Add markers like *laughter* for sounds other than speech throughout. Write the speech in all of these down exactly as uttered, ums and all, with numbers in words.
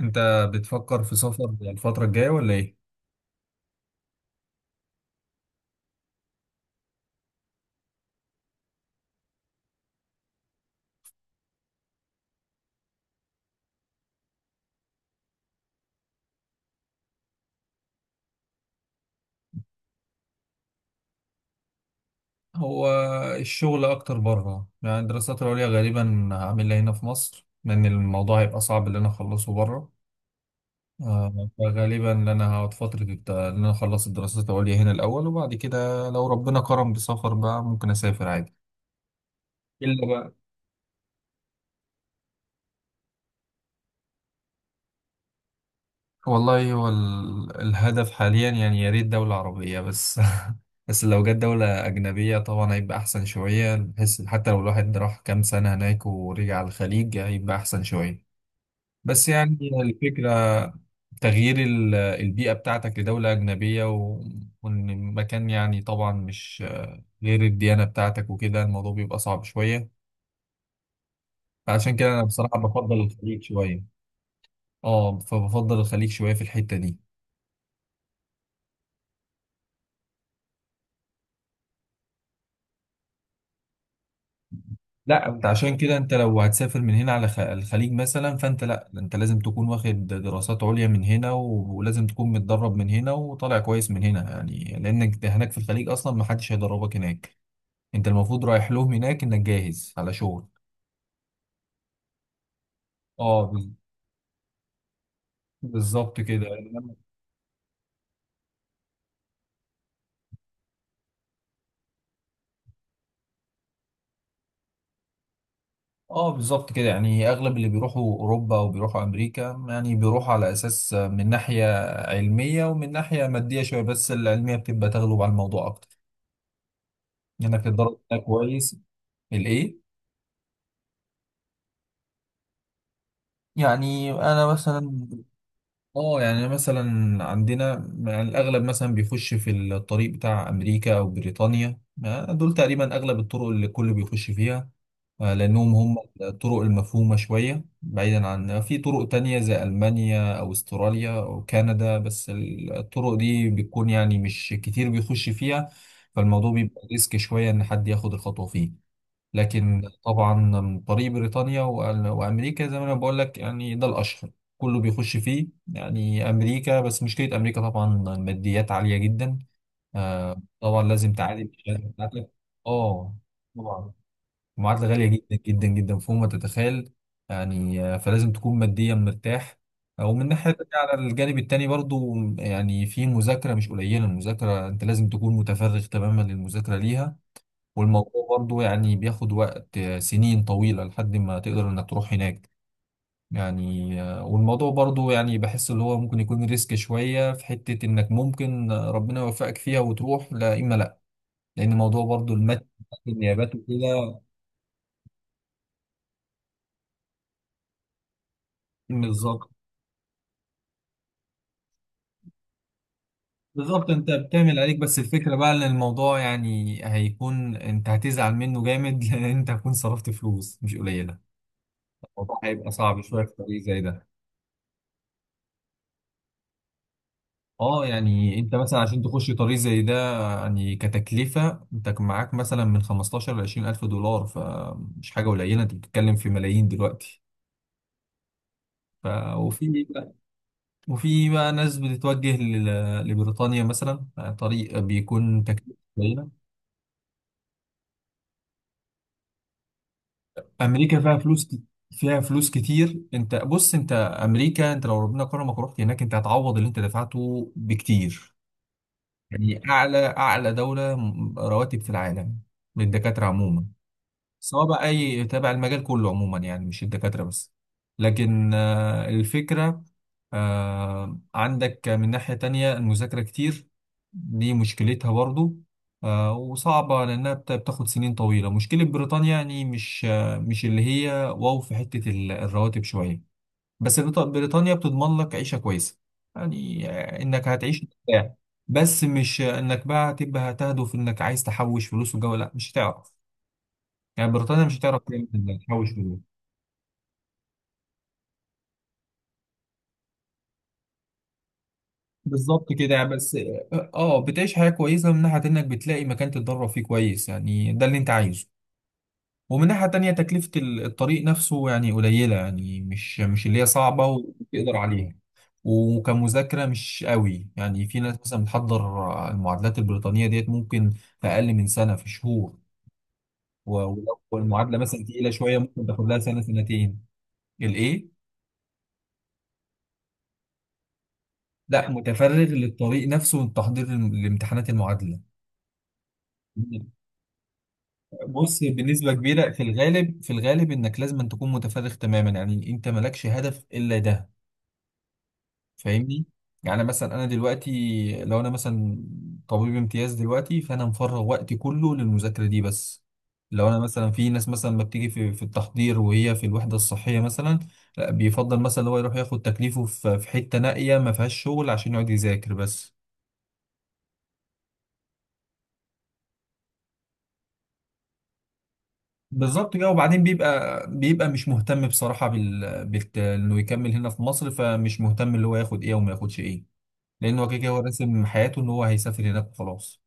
انت بتفكر في سفر الفترة الجاية ولا ايه؟ هو الشغل اكتر بره، يعني الدراسات العليا غالبا هعملها هنا في مصر لان الموضوع هيبقى صعب ان انا اخلصه بره. آه، فغالبا ان انا هقعد فترة الت- ان انا اخلص الدراسات العليا هنا الاول، وبعد كده لو ربنا كرم بسفر بقى ممكن اسافر عادي. الا بقى، والله هو ال- الهدف حاليا يعني يا ريت دولة عربية بس *laughs* بس لو جت دولة أجنبية طبعا هيبقى أحسن شوية، بحيث حتى لو الواحد راح كام سنة هناك ورجع الخليج هيبقى أحسن شوية. بس يعني الفكرة تغيير ال- البيئة بتاعتك لدولة أجنبية و- وإن المكان، يعني طبعا مش غير الديانة بتاعتك وكده الموضوع بيبقى صعب شوية. فعشان كده أنا بصراحة بفضل الخليج شوية. اه، فبفضل الخليج شوية في الحتة دي. لا انت عشان كده انت لو هتسافر من هنا على خ- الخليج مثلا، فانت لا انت لازم تكون واخد دراسات عليا من هنا و- ولازم تكون متدرب من هنا وطالع كويس من هنا، يعني لانك ده هناك في الخليج اصلا ما حدش هيدربك هناك. انت المفروض رايح لهم هناك انك جاهز على شغل. اه بز- بالظبط كده، إنما- اه بالظبط كده. يعني اغلب اللي بيروحوا اوروبا او بيروحوا امريكا يعني بيروحوا على اساس من ناحية علمية ومن ناحية مادية شوية، بس العلمية بتبقى تغلب على الموضوع اكتر، انك تتدرب هناك كويس. الايه؟ يعني انا مثلا، اه يعني مثلا عندنا، يعني الاغلب مثلا بيخش في الطريق بتاع امريكا او بريطانيا، ما دول تقريبا اغلب الطرق اللي الكل بيخش فيها. آه، لانهم هم الطرق المفهومة شوية، بعيدا عن في طرق تانية زي المانيا او استراليا او كندا، بس الطرق دي بتكون يعني مش كتير بيخش فيها. فالموضوع بيبقى ريسك شوية ان حد ياخد الخطوة فيه. لكن طبعا طريق بريطانيا وأل- وامريكا زي ما انا بقول لك يعني ده الاشهر، كله بيخش فيه. يعني امريكا، بس مشكله امريكا طبعا الماديات عاليه جدا. آه طبعا لازم تعادل الشهاده بتاعتك. اه طبعا المعادله غاليه جدا جدا جدا فوق ما تتخيل. يعني آه، فلازم تكون ماديا مرتاح، ومن ناحية تانية على الجانب التاني برضو، يعني في مذاكرة مش قليلة، المذاكرة انت لازم تكون متفرغ تماما للمذاكرة ليها. والموضوع برضو يعني بياخد وقت، آه، سنين طويلة لحد ما تقدر انك تروح هناك. يعني آه، والموضوع برضو يعني بحس اللي هو ممكن يكون ريسك شوية، في حتة انك ممكن آه، ربنا يوفقك فيها وتروح لا اما لا. لان موضوع برضو المتن، النيابات وكده. بالظبط بالظبط انت بتعمل عليك، بس الفكرة بقى ان الموضوع يعني هيكون انت هتزعل منه جامد *laughs* لان انت هتكون صرفت فلوس مش قليلة. الموضوع هيبقى صعب شوية في طريق زي ده. اه يعني انت مثلا عشان تخش طريق زي ده يعني كتكلفة انت كان معاك مثلا من خمستاشر ل عشرين الف دولار، فمش حاجة قليلة، انت بتتكلم في ملايين دلوقتي. ف... وفي وفي بقى ناس بتتوجه لل... لبريطانيا مثلا، طريق بيكون تكلفة قليلة. امريكا فيها فلوس ك... فيها فلوس كتير. انت بص، انت امريكا انت لو ربنا كرمك ورحت هناك انت هتعوض اللي انت دفعته بكتير. يعني اعلى اعلى دولة م- رواتب في العالم للدكاترة عموما، سواء بقى اي تابع، المجال كله عموما، يعني مش الدكاتره بس. لكن آه، الفكره، آه، عندك من ناحيه تانية المذاكره كتير، دي مشكلتها برضو، آه، وصعبه لانها بت- بتاخد سنين طويله. مشكله بريطانيا يعني مش آه، مش اللي هي واو في حته ال- الرواتب شويه. بس بريط- بريطانيا بتضمن لك عيشه كويسه. يعني آه، انك هتعيش مرتاح. بس مش آه، انك بقى هتبقى هتهدف انك عايز تحوش فلوس وجو، لا مش هتعرف. يعني بريطانيا مش هتعرف تعمل- تحوش فلوس. بالظبط كده يعني، بس اه آه، بتعيش حياة كويسة من ناحية انك بتلاقي مكان تتدرب فيه كويس، يعني ده اللي انت عايزه. ومن ناحية تانية تكلفة ال- الطريق نفسه يعني قليلة، يعني مش مش اللي هي صعبة، وتقدر عليها. وكمذاكرة مش قوي، يعني في ناس مثلا بتحضر المعادلات البريطانية ديت ممكن في أقل من سنة، في شهور. و- ولو المعادلة مثلا تقيلة شوية ممكن تاخد لها سنة سنتين. الإيه؟ لا متفرغ للطريق نفسه والتحضير لامتحانات المعادلة. بص بنسبة كبيرة في الغالب، في الغالب انك لازم أن تكون متفرغ تماما، يعني انت مالكش هدف الا ده. فاهمني؟ يعني مثلا انا دلوقتي لو انا مثلا طبيب امتياز دلوقتي، فانا مفرغ وقتي كله للمذاكرة دي بس. لو انا مثلا، في ناس مثلا ما بتيجي في, في التحضير وهي في الوحدة الصحية مثلا، لا بيفضل مثلا هو يروح ياخد تكليفه في في حتة نائية ما فيهاش شغل عشان يقعد يذاكر بس. بالظبط كده. وبعدين بيبقى بيبقى مش مهتم بصراحة، بال... بال... انه يكمل هنا في مصر، فمش مهتم اللي هو ياخد ايه وما ياخدش ايه، لان هو كده كده هو راسم حياته ان هو هيسافر هناك وخلاص.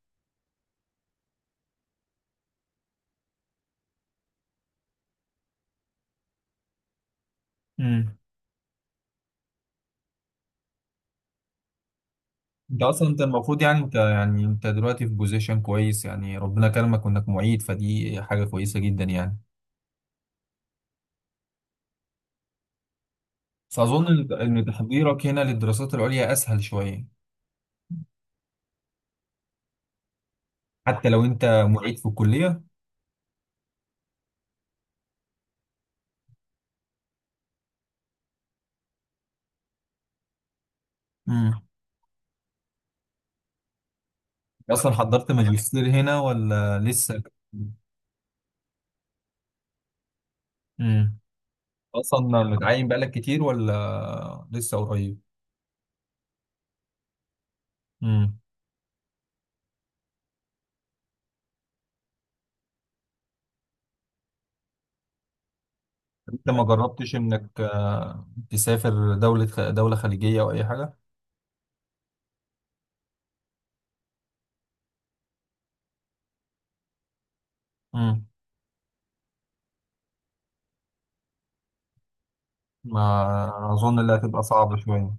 امم. انت اصلا انت المفروض يعني انت يعني انت دلوقتي في بوزيشن كويس، يعني ربنا كرمك وانك معيد، فدي حاجة كويسة جدا يعني. فاظن ان إن تحضيرك هنا للدراسات العليا اسهل شوية، حتى لو انت معيد في الكلية. امم. اصلا حضرت ماجستير هنا ولا لسه؟ اصلا متعين بقالك كتير ولا لسه قريب؟ امم. انت ما جربتش انك آه، تسافر دولة خ- دولة خليجية او اي حاجة؟ امم. ما اظن اللي هتبقى صعبة شوية.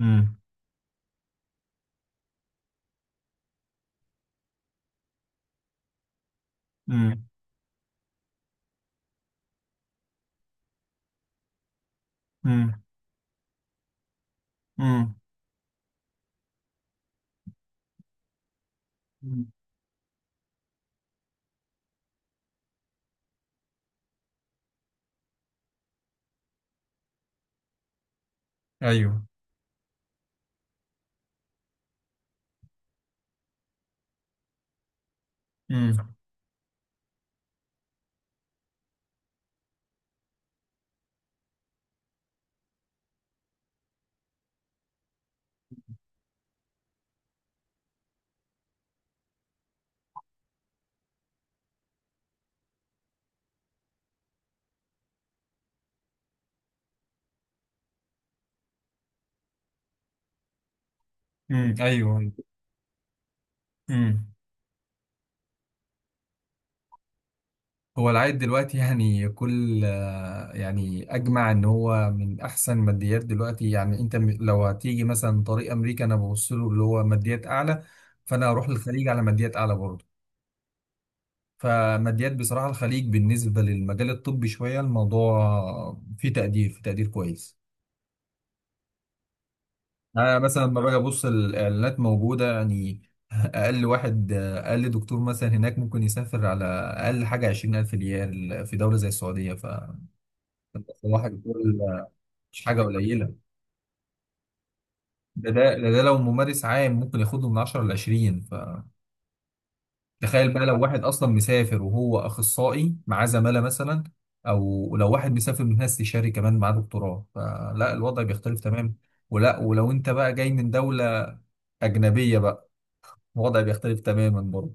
امم. امم. امم. امم. ايوه. امم. امم. ايوه. امم. هو العائد دلوقتي يعني كل، آه، يعني اجمع ان هو من احسن ماديات دلوقتي، يعني انت م- لو هتيجي مثلا طريق امريكا انا ببص له اللي هو ماديات اعلى، فانا هروح للخليج على ماديات اعلى برضه. فماديات بصراحة الخليج بالنسبة للمجال الطبي شوية، الموضوع فيه تقدير، فيه تقدير كويس. انا مثلا لما باجي ابص الاعلانات موجودة يعني *laughs* اقل واحد، آه، اقل دكتور مثلا هناك ممكن يسافر على اقل حاجة عشرين ألف ريال في دولة زي السعودية. ف صباحك. مش حاجة قليلة. ده ده ده ده لو ممارس عام ممكن ياخده من عشرة ل عشرين، فتخيل بقى لو واحد أصلا مسافر وهو أخصائي معاه زمالة مثلا، أو لو واحد مسافر من هنا استشاري كمان معاه دكتوراه، فلا الوضع بيختلف تماما. ولا ولو أنت بقى جاي من دولة أجنبية بقى الوضع بيختلف تماما برضه.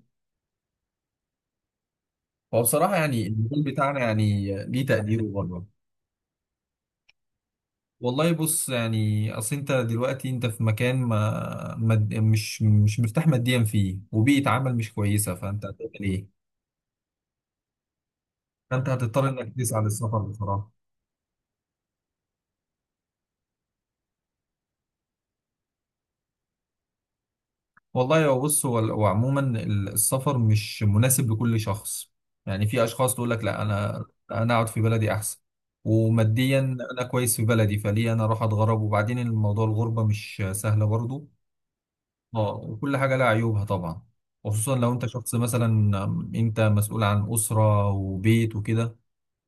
فبصراحة يعني المجال بتاعنا يعني ليه تقديره برضه. والله بص، يعني اصل انت دلوقتي انت في مكان ما مد... مش مش مرتاح ماديا فيه، وبيئة عمل مش كويسة، فانت هتعمل ايه؟ فانت هتضطر انك تسعى للسفر بصراحة. والله هو بص، هو وعموما السفر مش مناسب لكل شخص. يعني في اشخاص تقول لك لا انا، انا اقعد في بلدي احسن. وماديا انا كويس في بلدي، فليه انا اروح اتغرب؟ وبعدين الموضوع الغربة مش سهلة برضو. اه، وكل حاجة لها عيوبها طبعا. وخصوصا لو انت شخص مثلا انت مسؤول عن أسرة وبيت وكده،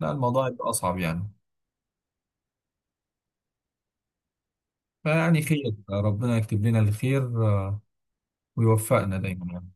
لا الموضوع يبقى أصعب يعني. فيعني خير، ربنا يكتب لنا الخير ويوفقنا دايما يعني.